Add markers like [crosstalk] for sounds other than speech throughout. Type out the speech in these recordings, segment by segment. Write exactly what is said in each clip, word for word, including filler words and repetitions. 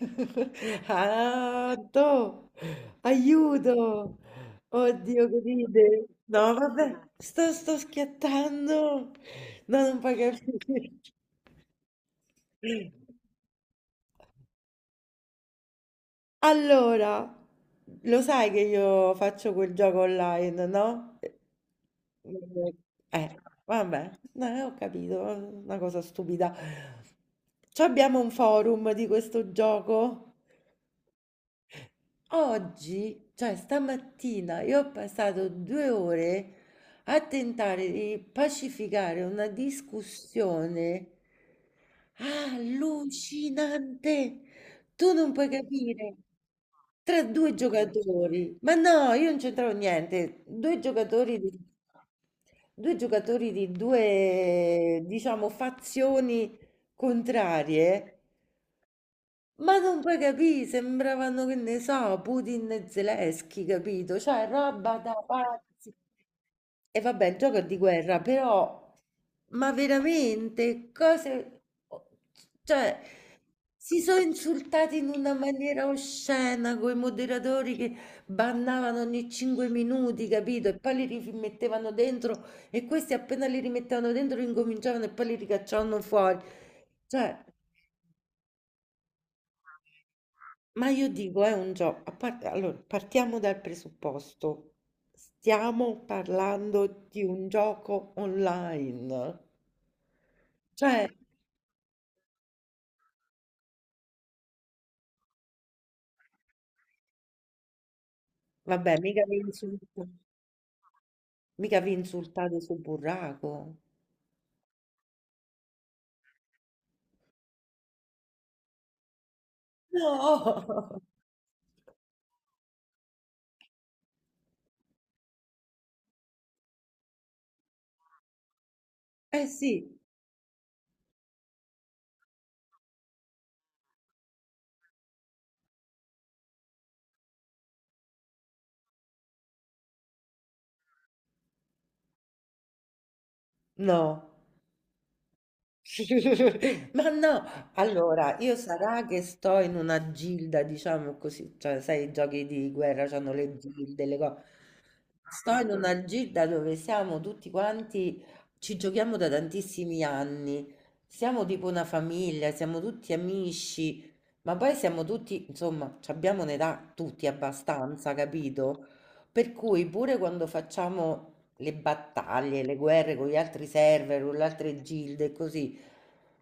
[laughs] Ah, Anto, aiuto! Oddio, che ride! No, vabbè, sto, sto schiattando! No, non puoi capire. Allora, lo sai che io faccio quel gioco online, no? Eh, eh, vabbè, no, ho capito, una cosa stupida. Ci abbiamo un forum di questo gioco? Oggi, cioè stamattina, io ho passato due ore a tentare di pacificare una discussione allucinante. Tu non puoi capire. Tra due giocatori, ma no, io non c'entravo niente. Due giocatori di due giocatori di due, diciamo, fazioni contrarie, ma non puoi capì, sembravano, che ne so, Putin e Zelensky, capito? Cioè, roba da pazzi. E vabbè, il gioco è di guerra, però, ma veramente, cose... Cioè, si sono insultati in una maniera oscena con i moderatori che bannavano ogni cinque minuti, capito? E poi li rimettevano dentro e questi appena li rimettevano dentro incominciavano e poi li ricacciavano fuori. Cioè... Ma io dico, è un gioco. A parte- allora, partiamo dal presupposto. Stiamo parlando di un gioco online. Cioè, vabbè, mica vi insulta- mica vi insultate sul burraco. No! Eh sì, no. [laughs] Ma no, allora io sarà che sto in una gilda, diciamo così, cioè sai, i giochi di guerra hanno le gilde, le cose. Sto in una gilda dove siamo tutti quanti, ci giochiamo da tantissimi anni, siamo tipo una famiglia, siamo tutti amici, ma poi siamo tutti, insomma, ci abbiamo un'età tutti abbastanza, capito? Per cui pure quando facciamo le battaglie, le guerre con gli altri server, con le altre gilde e così,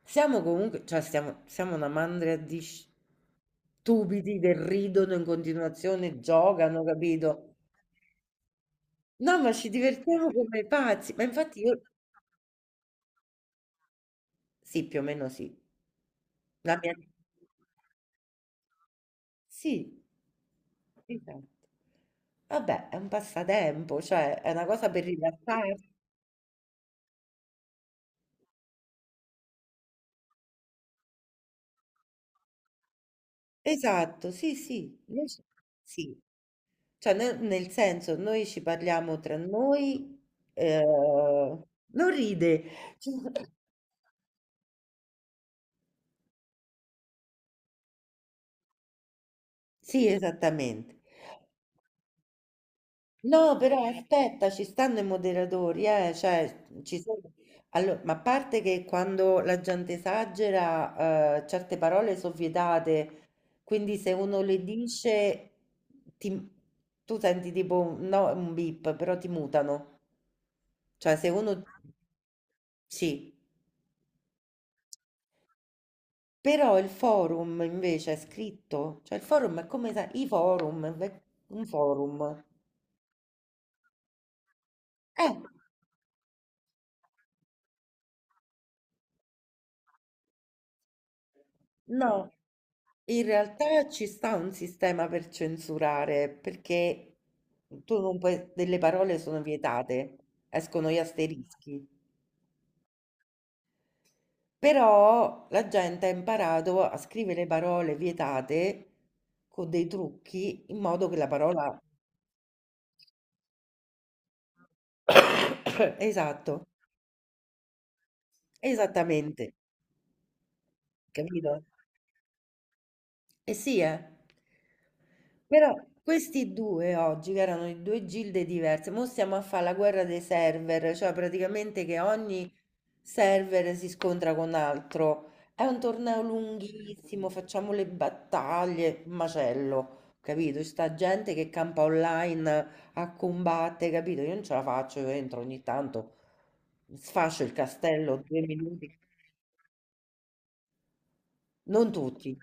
siamo comunque, cioè siamo, siamo una mandria di stupidi che ridono in continuazione, giocano, capito? No, ma ci divertiamo come pazzi, ma infatti io sì, più o meno sì. La mia... Sì. Esatto. Vabbè, è un passatempo, cioè è una cosa per rilassarsi. Esatto, sì, sì, noi ci- sì. Cioè, nel nel senso, noi ci parliamo tra noi, eh, non ride. [laughs] Sì, esattamente. No, però aspetta, ci stanno i moderatori, eh, cioè, mhmm, ci sono... Allora, ma a parte che quando la gente esagera, eh, certe parole sono vietate, quindi se uno le dice, ti- tu senti tipo, un- no, un beep, però ti mutano. Cioè, se uno... Sì, però il forum invece è scritto, cioè il forum è come sa- i forum, è un forum. Eh. No, in realtà ci sta un sistema per censurare, perché tu non puoi, delle parole sono vietate, escono gli asterischi, però la gente ha imparato a scrivere parole vietate con dei trucchi in modo che la parola... [coughs] Esatto, esattamente, capito? Eh sì, eh. Però questi due oggi, che erano in due gilde diverse, mo stiamo a fare la guerra dei server, cioè praticamente che ogni server si scontra con altro. È un torneo lunghissimo, facciamo le battaglie, macello, capito? C'è sta gente che campa online a combattere, capito? Io non ce la faccio, io entro ogni tanto, sfascio il castello due minuti, non tutti.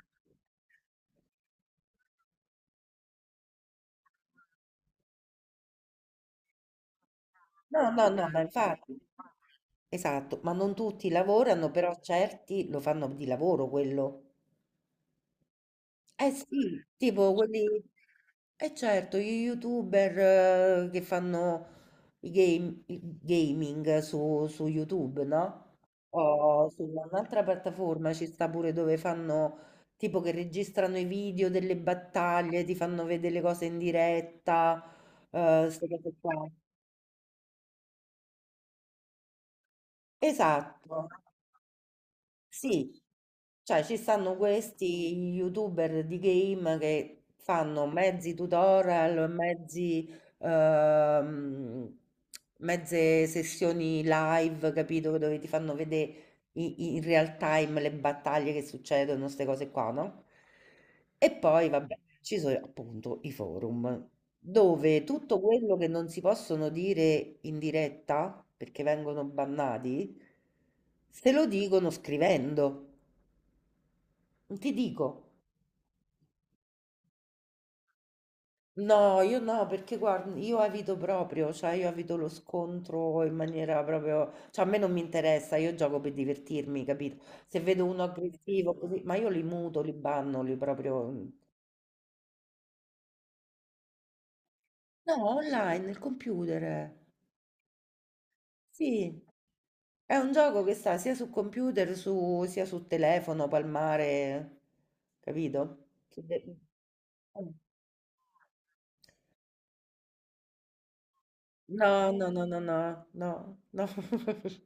No, no, no, ma infatti, esatto, ma non tutti lavorano, però certi lo fanno di lavoro quello. Eh sì, tipo quelli, eh certo, gli youtuber eh, che fanno i game, i gaming su, su YouTube, no? O su un'altra piattaforma ci sta pure dove fanno, tipo che registrano i video delle battaglie, ti fanno vedere le cose in diretta, eh, queste cose qua. Esatto, sì. Cioè, ci stanno questi YouTuber di game che fanno mezzi tutorial, mezzi, ehm, mezze sessioni live, capito? Dove ti fanno vedere i- in, real time le battaglie che succedono, queste cose qua, no? E poi, vabbè, ci sono appunto i forum, dove tutto quello che non si possono dire in diretta, perché vengono bannati, se lo dicono scrivendo. Ti dico, no, io no, perché guarda, io evito proprio, cioè io evito lo scontro in maniera proprio, cioè a me non mi interessa, io gioco per divertirmi, capito? Se vedo uno aggressivo così, ma io li muto, li banno, li proprio... No, online, nel computer, sì. È un gioco che sta sia su computer, su- sia su telefono, palmare, capito? Che de- No, no, no, no, no, no, no. [laughs]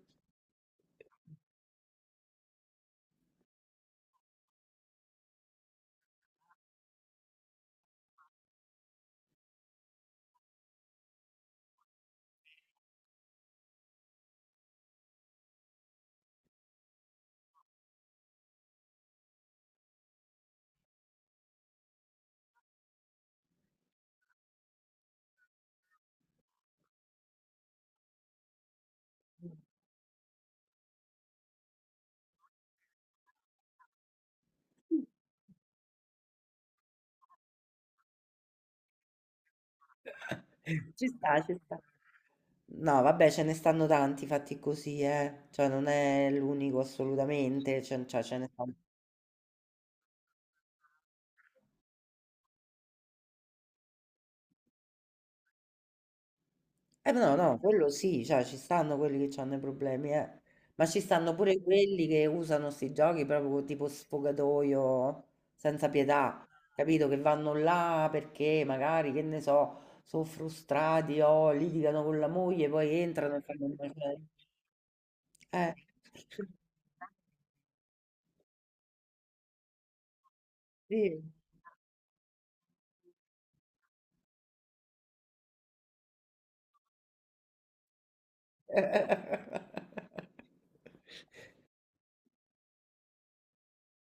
Ci sta, ci sta. No, vabbè, ce ne stanno tanti fatti così, eh. Cioè, non è l'unico assolutamente, ce- cioè, ce ne stanno. Eh, no, no, quello sì, cioè, ci stanno quelli che hanno i problemi, eh. Ma ci stanno pure quelli che usano sti giochi proprio tipo sfogatoio, senza pietà, capito? Che vanno là perché magari, che ne so, sono frustrati o litigano con la moglie, poi entrano e fanno un macello. Eh, [laughs] sì. No,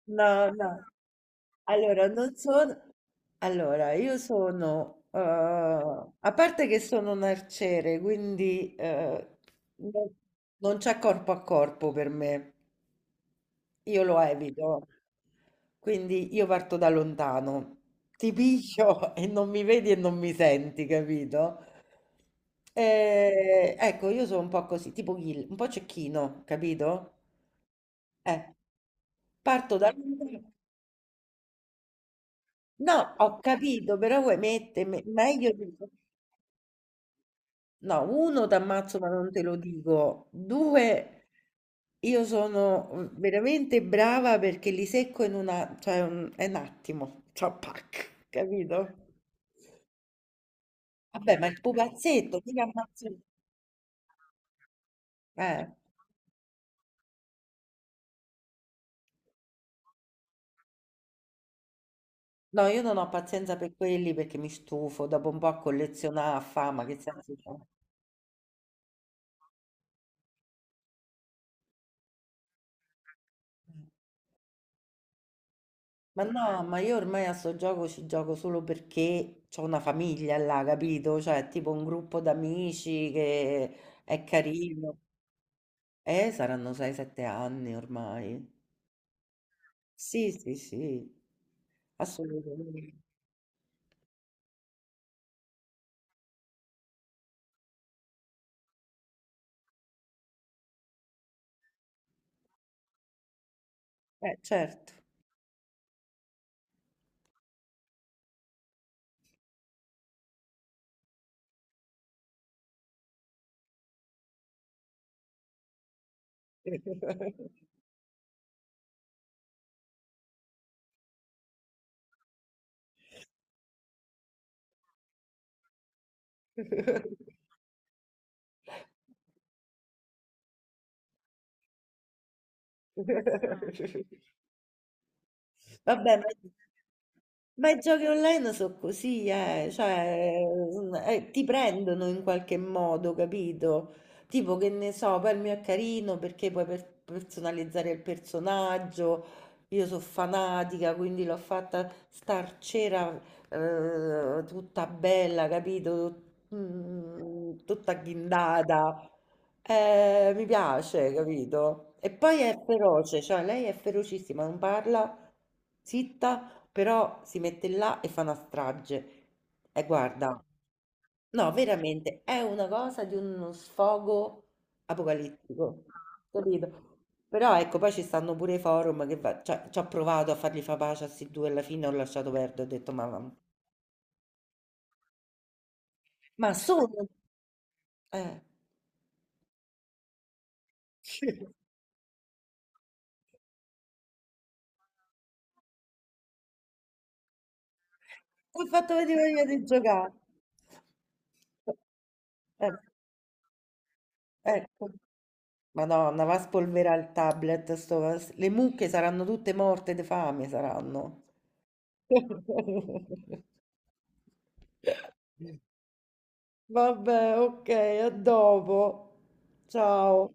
no. Allora, non sono... Allora, io sono... eh, a parte che sono un arciere, quindi eh, no- non c'è corpo a corpo per me. Io lo evito. Quindi io parto da lontano. Ti piglio [laughs] e non mi vedi e non mi senti, capito? Eh, ecco, io sono un po' così, tipo Gil, un po' cecchino, capito? Eh. Parto da No, ho capito, però vuoi mettermi meglio di No, uno t'ammazzo ma non te lo dico. Due, io sono mm, veramente brava perché li secco in una, cioè un, è un attimo, cioè pac, capito? Vabbè, ma il pupazzetto, mica ammazzo. Eh. No, io non ho pazienza per quelli perché mi stufo, dopo un po' a collezionare a fama, che senso c'è? Ma no, ma io ormai a sto gioco ci gioco solo perché ho una famiglia là, capito? Cioè, tipo un gruppo d'amici che è carino. Eh, saranno sei sette anni ormai. Sì, sì, sì, assolutamente. Eh, certo. [laughs] Vabbè, ma, ma i giochi online sono così, eh, cioè, son- eh, ti prendono in qualche modo, capito? Tipo che ne so, poi il mio è carino perché puoi per- personalizzare il personaggio. Io sono fanatica, quindi l'ho fatta star cera, eh, tutta bella, capito? Mm, tutta ghindata. Eh, mi piace, capito? E poi è feroce, cioè lei è ferocissima, non parla zitta, però si mette là e fa una strage. E guarda, no, veramente è una cosa di uno sfogo apocalittico. Capito? Però ecco, poi ci stanno pure i forum che va- cioè, ci ho provato a fargli fa pace a questi due, alla fine ho lasciato perdere, ho detto ma, ma, sono... Eh. [laughs] Ti ho fatto venire voglia di giocare. Eh, ecco. Madonna, va a spolverare il tablet, sto- le mucche saranno tutte morte di fame, saranno. [laughs] Vabbè, ok, a dopo. Ciao.